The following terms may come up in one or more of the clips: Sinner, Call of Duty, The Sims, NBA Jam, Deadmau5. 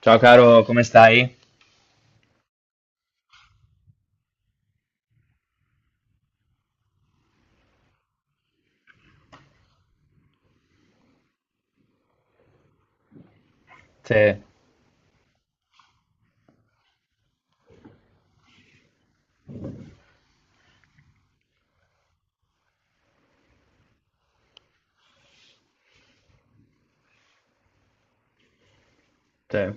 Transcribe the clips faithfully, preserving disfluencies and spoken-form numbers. Ciao caro, come stai? Te, te.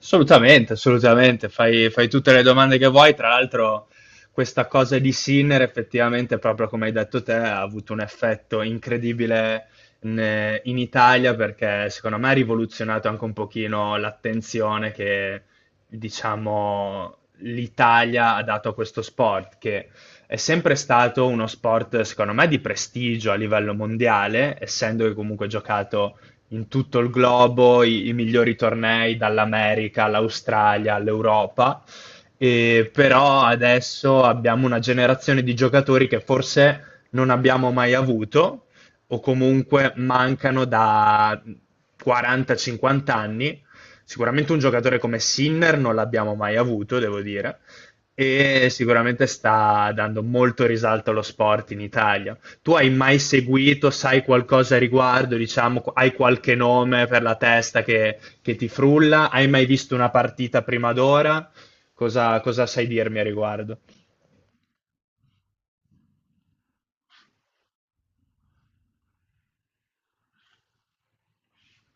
Assolutamente, assolutamente. Fai, fai tutte le domande che vuoi. Tra l'altro, questa cosa di Sinner, effettivamente, proprio come hai detto te, ha avuto un effetto incredibile in, in Italia, perché secondo me ha rivoluzionato anche un pochino l'attenzione che, diciamo, l'Italia ha dato a questo sport, che è sempre stato uno sport, secondo me, di prestigio a livello mondiale, essendo che comunque giocato in tutto il globo i, i migliori tornei dall'America all'Australia all'Europa. E però adesso abbiamo una generazione di giocatori che forse non abbiamo mai avuto o comunque mancano da quaranta, cinquanta anni. Sicuramente un giocatore come Sinner non l'abbiamo mai avuto, devo dire, e sicuramente sta dando molto risalto allo sport in Italia. Tu hai mai seguito, sai qualcosa a riguardo, diciamo, qu- hai qualche nome per la testa che, che ti frulla? Hai mai visto una partita prima d'ora? Cosa, cosa sai dirmi a riguardo?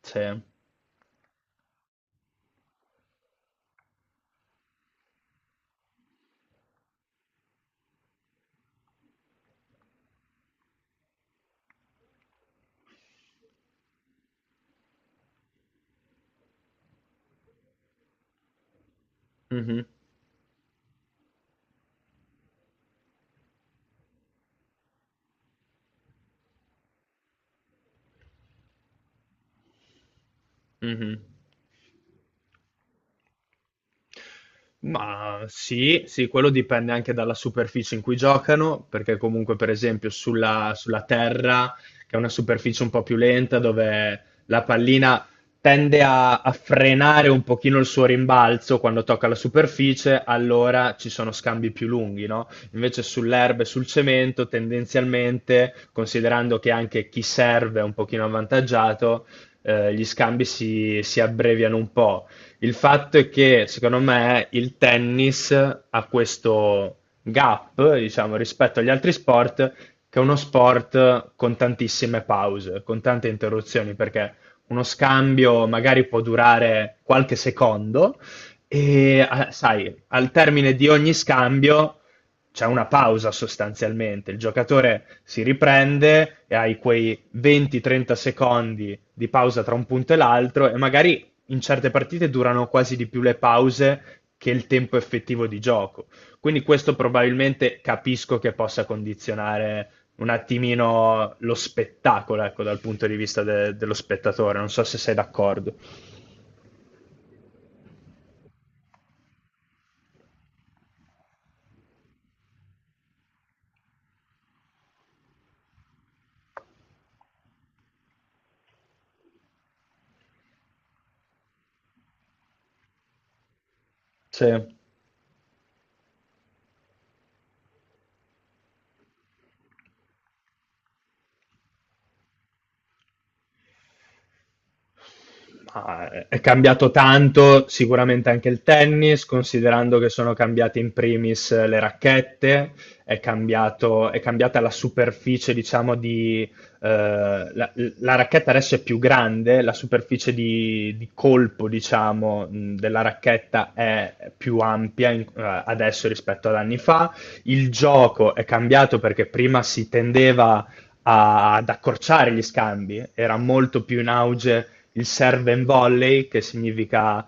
Sì. Mhm, mhm. Ma sì, sì, quello dipende anche dalla superficie in cui giocano, perché comunque per esempio sulla, sulla terra, che è una superficie un po' più lenta, dove la pallina tende a, a frenare un pochino il suo rimbalzo quando tocca la superficie. Allora ci sono scambi più lunghi, no? Invece sull'erba e sul cemento, tendenzialmente, considerando che anche chi serve è un pochino avvantaggiato, eh, gli scambi si si abbreviano un po'. Il fatto è che, secondo me, il tennis ha questo gap, diciamo, rispetto agli altri sport, che è uno sport con tantissime pause, con tante interruzioni, perché uno scambio magari può durare qualche secondo e, ah, sai, al termine di ogni scambio c'è una pausa sostanzialmente, il giocatore si riprende e hai quei venti, trenta secondi di pausa tra un punto e l'altro e magari in certe partite durano quasi di più le pause che il tempo effettivo di gioco. Quindi questo probabilmente capisco che possa condizionare un attimino lo spettacolo, ecco, dal punto di vista de- dello spettatore. Non so se sei d'accordo. Sì. Ah, eh, è cambiato tanto sicuramente anche il tennis, considerando che sono cambiate in primis eh, le racchette, è cambiato- è cambiata la superficie, diciamo, di... eh, la, la racchetta adesso è più grande, la superficie di, di colpo, diciamo, mh, della racchetta è più ampia in- eh, adesso rispetto ad anni fa. Il gioco è cambiato perché prima si tendeva a- ad accorciare gli scambi, era molto più in auge il serve and volley, che significa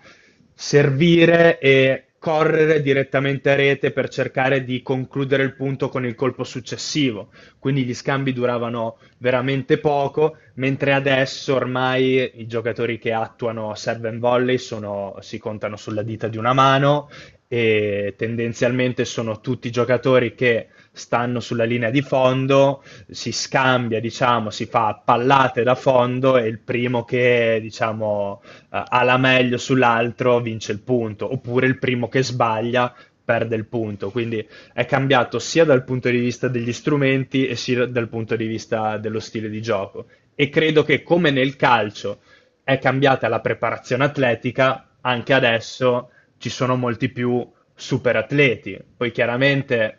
servire e correre direttamente a rete per cercare di concludere il punto con il colpo successivo. Quindi gli scambi duravano veramente poco, mentre adesso ormai i giocatori che attuano serve and volley sono- si contano sulla dita di una mano e tendenzialmente sono tutti giocatori che stanno sulla linea di fondo. Si scambia, diciamo, si fa pallate da fondo e il primo che, diciamo, eh, ha la meglio sull'altro vince il punto, oppure il primo che sbaglia perde il punto. Quindi è cambiato sia dal punto di vista degli strumenti e sia dal punto di vista dello stile di gioco. E credo che come nel calcio è cambiata la preparazione atletica, anche adesso ci sono molti più super atleti. Poi chiaramente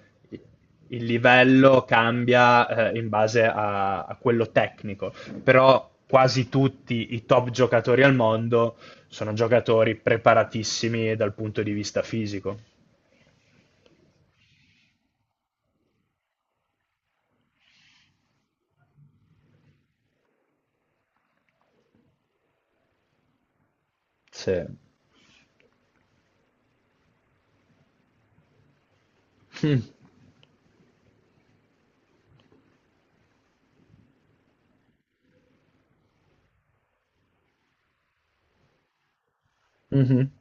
il livello cambia eh, in base a, a quello tecnico, però quasi tutti i top giocatori al mondo sono giocatori preparatissimi dal punto di vista fisico. Sì. Mhm.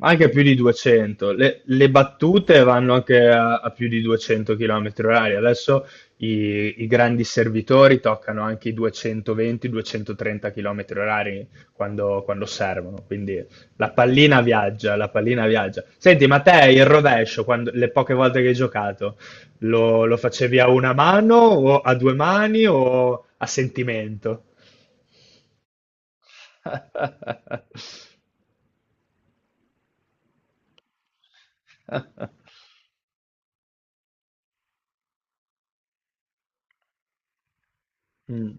Anche più di duecento. Le, le battute vanno anche a, a più di duecento chilometri orari. Adesso i, i grandi servitori toccano anche i duecentoventi, duecentotrenta km orari quando, quando servono. Quindi la pallina viaggia, la pallina viaggia. Senti, ma te il rovescio, quando- le poche volte che hai giocato, lo, lo facevi a una mano o a due mani o a sentimento? Mm.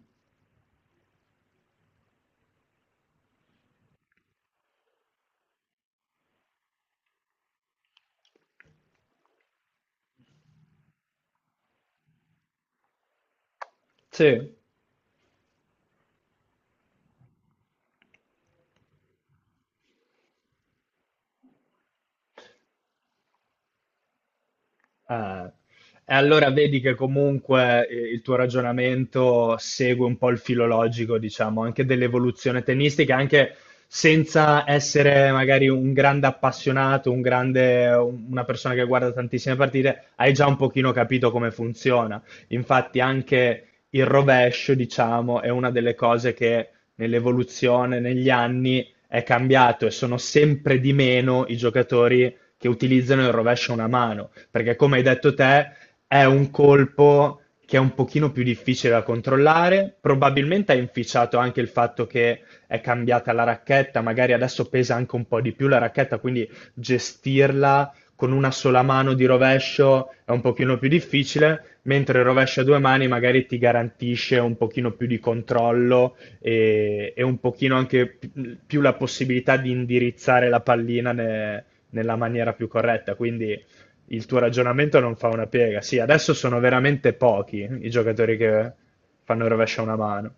Sì. Ah. E allora vedi che comunque eh, il tuo ragionamento segue un po' il filologico, diciamo, anche dell'evoluzione tennistica, anche senza essere magari un grande appassionato, un grande, una persona che guarda tantissime partite, hai già un pochino capito come funziona. Infatti anche il rovescio, diciamo, è una delle cose che nell'evoluzione, negli anni, è cambiato, e sono sempre di meno i giocatori che utilizzano il rovescio a una mano, perché come hai detto te, è un colpo che è un pochino più difficile da controllare, probabilmente ha inficiato anche il fatto che è cambiata la racchetta, magari adesso pesa anche un po' di più la racchetta, quindi gestirla con una sola mano di rovescio è un pochino più difficile, mentre il rovescio a due mani magari ti garantisce un pochino più di controllo e, e un pochino anche pi- più la possibilità di indirizzare la pallina ne- nella maniera più corretta, quindi il tuo ragionamento non fa una piega. Sì, adesso sono veramente pochi i giocatori che fanno il rovescio a una mano.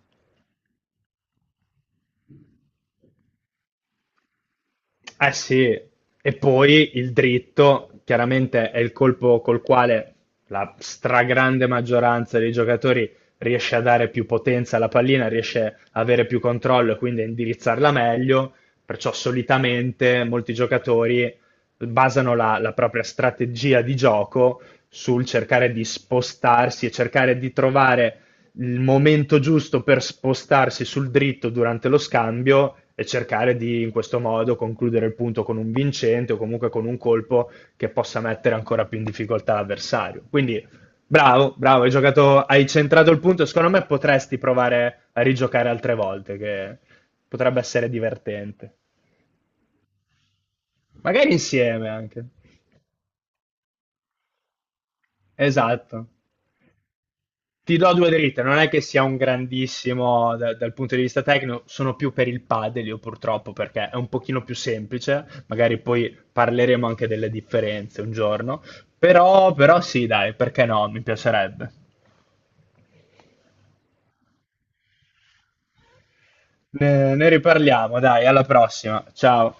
Eh sì, e poi il dritto chiaramente è il colpo col quale la stragrande maggioranza dei giocatori riesce a dare più potenza alla pallina, riesce a avere più controllo e quindi a indirizzarla meglio, perciò solitamente molti giocatori basano la, la, propria strategia di gioco sul cercare di spostarsi e cercare di trovare il momento giusto per spostarsi sul dritto durante lo scambio e cercare di in questo modo concludere il punto con un vincente o comunque con un colpo che possa mettere ancora più in difficoltà l'avversario. Quindi bravo, bravo, hai giocato, hai centrato il punto. Secondo me potresti provare a rigiocare altre volte, che potrebbe essere divertente. Magari insieme anche. Esatto. Ti do due dritte, non è che sia un grandissimo da- dal punto di vista tecnico, sono più per il padel io purtroppo perché è un pochino più semplice, magari poi parleremo anche delle differenze un giorno, però, però, sì, dai, perché no, mi piacerebbe. ne ne riparliamo, dai, alla prossima, ciao.